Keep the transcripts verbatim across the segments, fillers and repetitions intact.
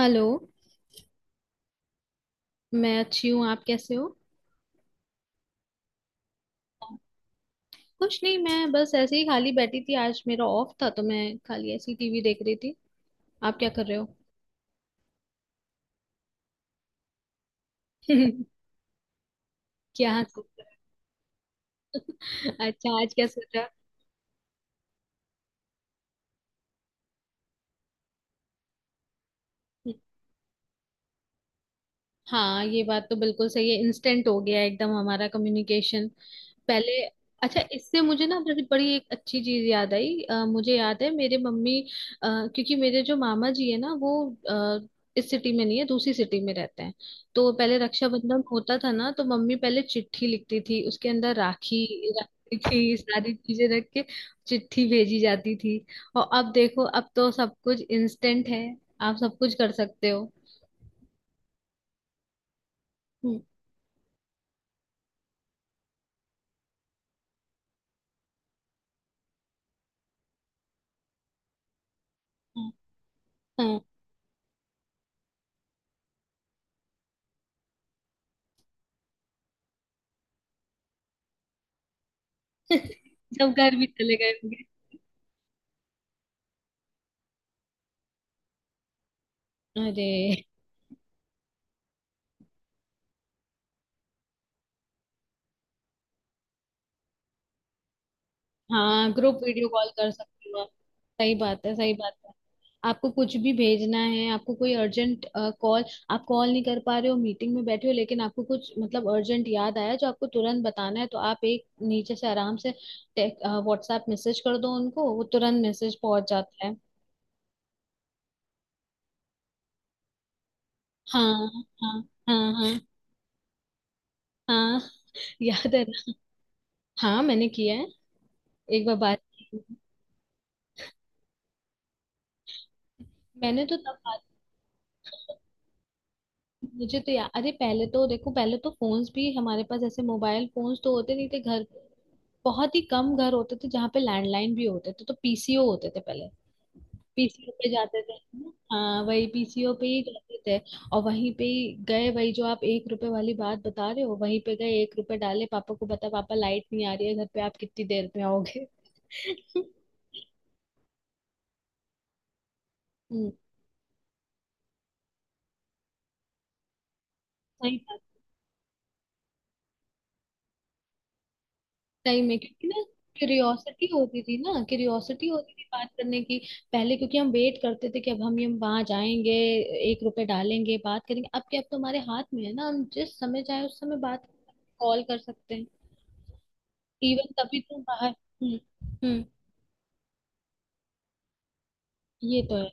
Hello. मैं अच्छी हूँ। आप कैसे हो? कुछ नहीं, मैं बस ऐसे ही खाली बैठी थी। आज मेरा ऑफ था तो मैं खाली ऐसी टीवी देख रही थी। आप क्या कर रहे हो? क्या सोच रहे हो? अच्छा, आज क्या सोचा? हाँ, ये बात तो बिल्कुल सही है। इंस्टेंट हो गया है एकदम हमारा कम्युनिकेशन। पहले। अच्छा, इससे मुझे ना बड़ी बड़ी एक अच्छी चीज याद आई। अ, मुझे याद है मेरे मम्मी। अ, क्योंकि मेरे जो मामा जी है ना, वो अ, इस सिटी में नहीं है, दूसरी सिटी में रहते हैं। तो पहले रक्षाबंधन होता था ना, तो मम्मी पहले चिट्ठी लिखती थी, उसके अंदर राखी रखती थी, सारी चीजें रख के चिट्ठी भेजी जाती थी। और अब देखो, अब तो सब कुछ इंस्टेंट है। आप सब कुछ कर सकते हो। हम्म, हाँ। सब घर भी चले गए होंगे। अरे। हाँ, ग्रुप वीडियो कॉल कर सकते हो आप। सही बात है, सही बात है। आपको कुछ भी भेजना है, आपको कोई अर्जेंट कॉल। आप कॉल नहीं कर पा रहे हो, मीटिंग में बैठे हो, लेकिन आपको कुछ मतलब अर्जेंट याद आया जो आपको तुरंत बताना है, तो आप एक नीचे से आराम से व्हाट्सएप मैसेज कर दो उनको, वो तुरंत मैसेज पहुंच जाता है। हाँ। हाँ। हाँ। हाँ। हाँ। याद है ना? हाँ, मैंने किया है। एक बार बात की। मैंने तो तब बात। मुझे तो यार, अरे पहले तो देखो, पहले तो फोन्स भी हमारे पास, ऐसे मोबाइल फोन्स तो होते नहीं थे घर। बहुत ही कम घर होते थे जहाँ पे लैंडलाइन भी होते थे। तो पीसीओ होते थे पहले। पीसीओ पे जाते थे, है ना? हाँ, वही पीसीओ पे ही जाते थे। और वहीं पे ही गए, वही जो आप एक रुपए वाली बात बता रहे हो, वहीं पे गए, एक रुपए डाले। पापा को बता, पापा लाइट नहीं आ रही है घर पे, आप कितनी देर में आओगे। हम्म। सही बात। टाइम में क्योंकि ना। क्यूरियोसिटी होती थी ना, क्यूरियोसिटी होती थी बात करने की। पहले क्योंकि हम वेट करते थे कि अब हम हम वहां जाएंगे, एक रुपए डालेंगे, बात करेंगे। अब क्या, अब तो हमारे हाथ में है ना, हम जिस समय चाहे उस समय बात कॉल कर सकते हैं। इवन तभी तो बाहर। हम्म। हम्म। ये तो है।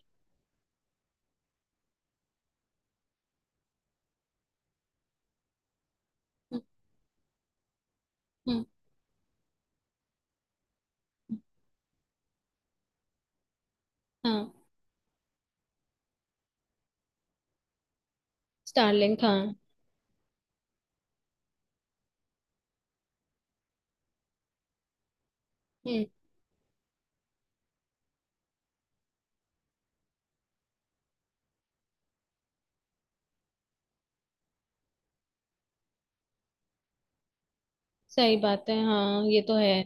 हम्म। हम्म, हाँ। स्टारलिंक, हाँ। हम्म। सही बात है, हाँ, ये तो है।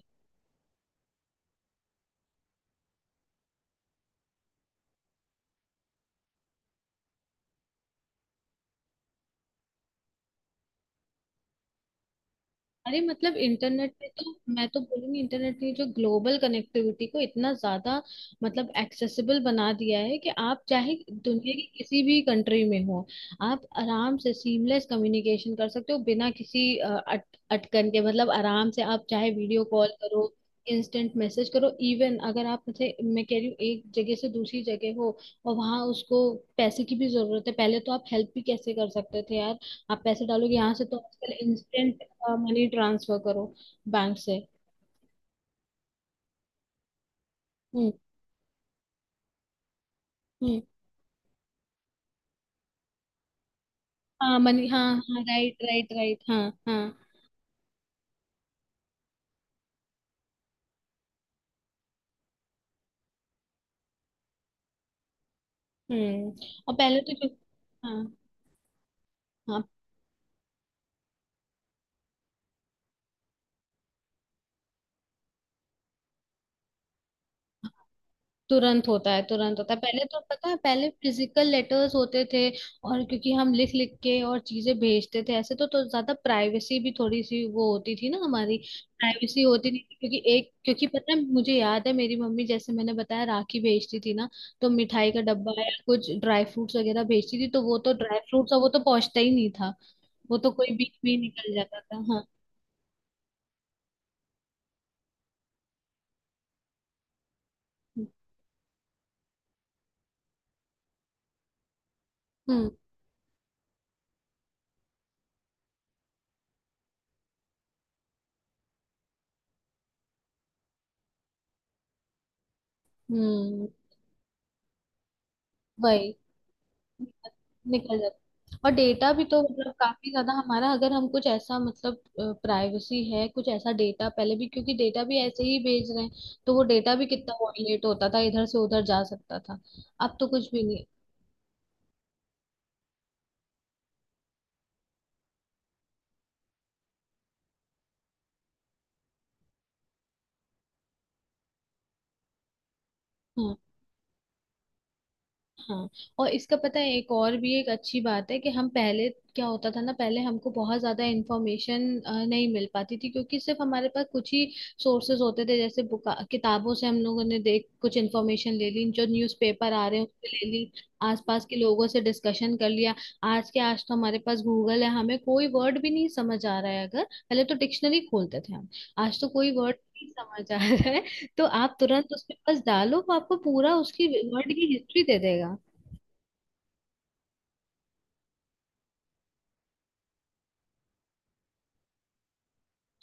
अरे, मतलब इंटरनेट पे तो मैं तो बोलूंगी, इंटरनेट ने जो ग्लोबल कनेक्टिविटी को इतना ज्यादा मतलब एक्सेसिबल बना दिया है, कि आप चाहे दुनिया की किसी भी कंट्री में हो, आप आराम से सीमलेस कम्युनिकेशन कर सकते हो बिना किसी अ, अट, अटकन के। मतलब आराम से, आप चाहे वीडियो कॉल करो, इंस्टेंट मैसेज करो। इवन अगर आप, जैसे मैं कह रही हूँ, एक जगह से दूसरी जगह हो, और वहां उसको पैसे की भी जरूरत है। पहले तो आप हेल्प भी कैसे कर सकते थे यार। आप पैसे डालोगे यहाँ से, तो आजकल इंस्टेंट मनी ट्रांसफर करो बैंक से। हम्म। हम्म। हाँ, मनी, हाँ हाँ, राइट राइट राइट, हाँ। हाँ। हम्म। और पहले तो जो। हाँ। हाँ। तुरंत होता है, तुरंत होता है। पहले तो पता है, पहले फिजिकल लेटर्स होते थे। और क्योंकि हम लिख लिख के और चीजें भेजते थे ऐसे, तो तो ज्यादा प्राइवेसी भी थोड़ी सी वो होती थी ना हमारी। प्राइवेसी होती नहीं थी, क्योंकि एक, क्योंकि पता है, मुझे याद है मेरी मम्मी जैसे मैंने बताया राखी भेजती थी ना। तो मिठाई का डब्बा या कुछ ड्राई फ्रूट्स वगैरह भेजती थी, तो वो तो ड्राई फ्रूट्स वो तो पहुंचता ही नहीं था। वो तो कोई बीच में ही निकल जाता था, हाँ। हम्म। हम्म। वही निकल जाता। और डेटा भी तो मतलब काफी ज्यादा हमारा, अगर हम कुछ ऐसा मतलब प्राइवेसी है, कुछ ऐसा डेटा, पहले भी क्योंकि डेटा भी ऐसे ही भेज रहे हैं, तो वो डेटा भी कितना वॉयलेट होता था, इधर से उधर जा सकता था। अब तो कुछ भी नहीं। हाँ। और इसका पता है, एक और भी एक अच्छी बात है, कि हम पहले क्या होता था ना, पहले हमको बहुत ज्यादा इंफॉर्मेशन नहीं मिल पाती थी, क्योंकि सिर्फ हमारे पास कुछ ही सोर्सेज होते थे। जैसे बुका, किताबों से हम लोगों ने देख कुछ इंफॉर्मेशन ले ली, जो न्यूज़पेपर आ रहे हैं उससे ले ली, आसपास के लोगों से डिस्कशन कर लिया। आज के, आज तो हमारे पास गूगल है। हमें कोई वर्ड भी नहीं समझ आ रहा है अगर, पहले तो डिक्शनरी खोलते थे हम। आज तो कोई वर्ड नहीं समझ आ रहा है, तो आप तुरंत उसके पास डालो, वो आपको पूरा उसकी वर्ड की हिस्ट्री दे देगा।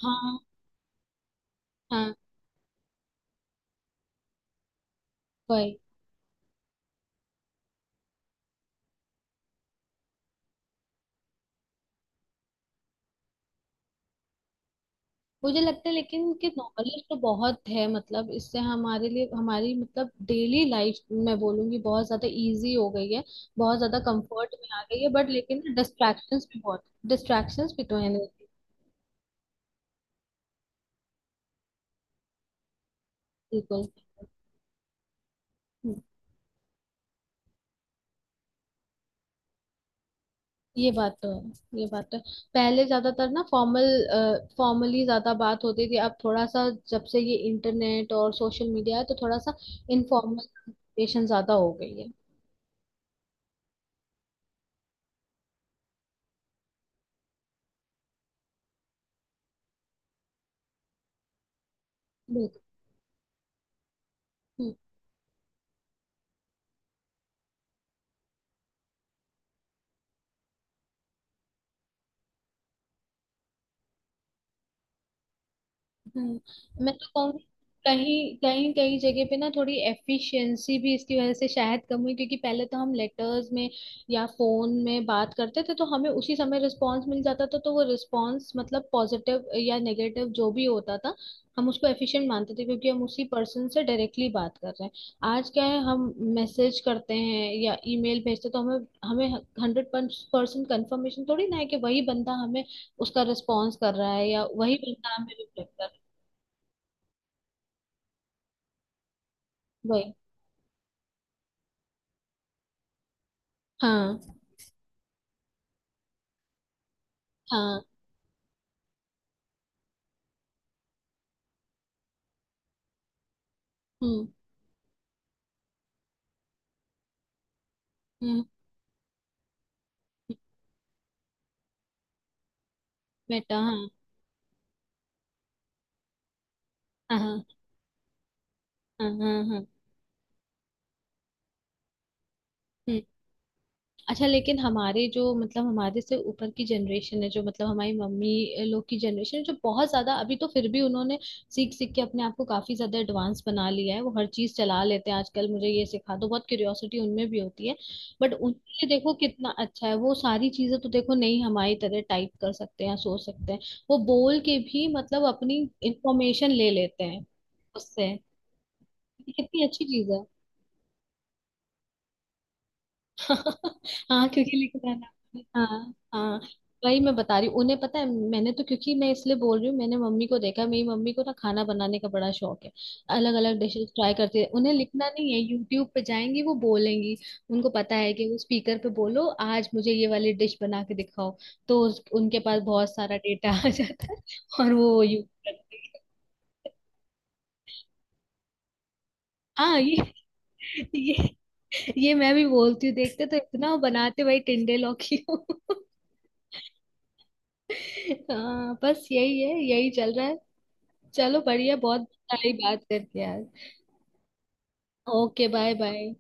हाँ। हाँ। वही। मुझे लगता है लेकिन कि नॉलेज तो बहुत है, मतलब इससे हमारे लिए, हमारी मतलब डेली लाइफ, मैं बोलूंगी बहुत ज्यादा इजी हो गई है, बहुत ज्यादा कंफर्ट में आ गई है। बट लेकिन डिस्ट्रैक्शंस भी बहुत, डिस्ट्रैक्शंस भी तो है नहीं। बिल्कुल। हम्म। ये बात तो है, ये बात तो है। पहले ज्यादातर ना फॉर्मल, फॉर्मली ज्यादा बात होती थी। अब थोड़ा सा जब से ये इंटरनेट और सोशल मीडिया है, तो थोड़ा सा इनफॉर्मल कम्युनिकेशन ज्यादा हो गई है। बिल्कुल। हम्म। मैं तो कहूंगी कहीं कहीं, कहीं जगह पे ना थोड़ी एफिशिएंसी भी इसकी वजह से शायद कम हुई। क्योंकि पहले तो हम लेटर्स में या फोन में बात करते थे, तो हमें उसी समय रिस्पांस मिल जाता था। तो वो रिस्पांस मतलब पॉजिटिव या नेगेटिव जो भी होता था, हम उसको एफिशिएंट मानते थे, क्योंकि हम उसी पर्सन से डायरेक्टली बात कर रहे हैं। आज क्या है, हम मैसेज करते हैं या ईमेल भेजते हैं, तो हमें हमें हंड्रेड परसेंट कंफर्मेशन थोड़ी ना है, कि वही बंदा हमें उसका रिस्पॉन्स कर रहा है, या वही बंदा हमें रिफ्लेक्ट कर रहा है। वही। हाँ। हाँ। हम्म। हम्म। बेटा, हाँ। हाँ। हाँ। हाँ। हाँ, हाँ। अच्छा लेकिन हमारे जो मतलब हमारे से ऊपर की जनरेशन है, जो मतलब हमारी मम्मी लोग की जनरेशन है, जो बहुत ज्यादा, अभी तो फिर भी उन्होंने सीख सीख के अपने आप को काफी ज्यादा एडवांस बना लिया है। वो हर चीज चला लेते हैं आजकल, मुझे ये सिखा दो, बहुत क्यूरियोसिटी उनमें भी होती है। बट उनके लिए देखो कितना अच्छा है, वो सारी चीजें तो देखो नहीं हमारी तरह टाइप कर सकते हैं या सोच सकते हैं, वो बोल के भी मतलब अपनी इंफॉर्मेशन ले लेते हैं उससे। ये कितनी अच्छी चीज है। हाँ, क्योंकि लिखना ना पड़े। हाँ, हाँ। वही मैं बता रही हूँ, उन्हें पता है। मैंने तो, क्योंकि मैं इसलिए बोल रही हूँ, मैंने मम्मी को देखा, मेरी मम्मी को ना खाना बनाने का बड़ा शौक है। अलग अलग डिशेस ट्राई करती है। उन्हें लिखना नहीं है, यूट्यूब पे जाएंगी, वो बोलेंगी, उनको पता है कि वो स्पीकर पे बोलो आज मुझे ये वाली डिश बना के दिखाओ। तो उस- उनके पास बहुत सारा डेटा आ जाता है और वो यूज करती है। हाँ, ये ये ये मैं भी बोलती हूँ, देखते तो इतना हो, बनाते भाई टिंडे लौकी हो। हाँ, बस यही है, यही चल रहा है। चलो बढ़िया, बहुत सारी बात करके यार। Okay, bye bye.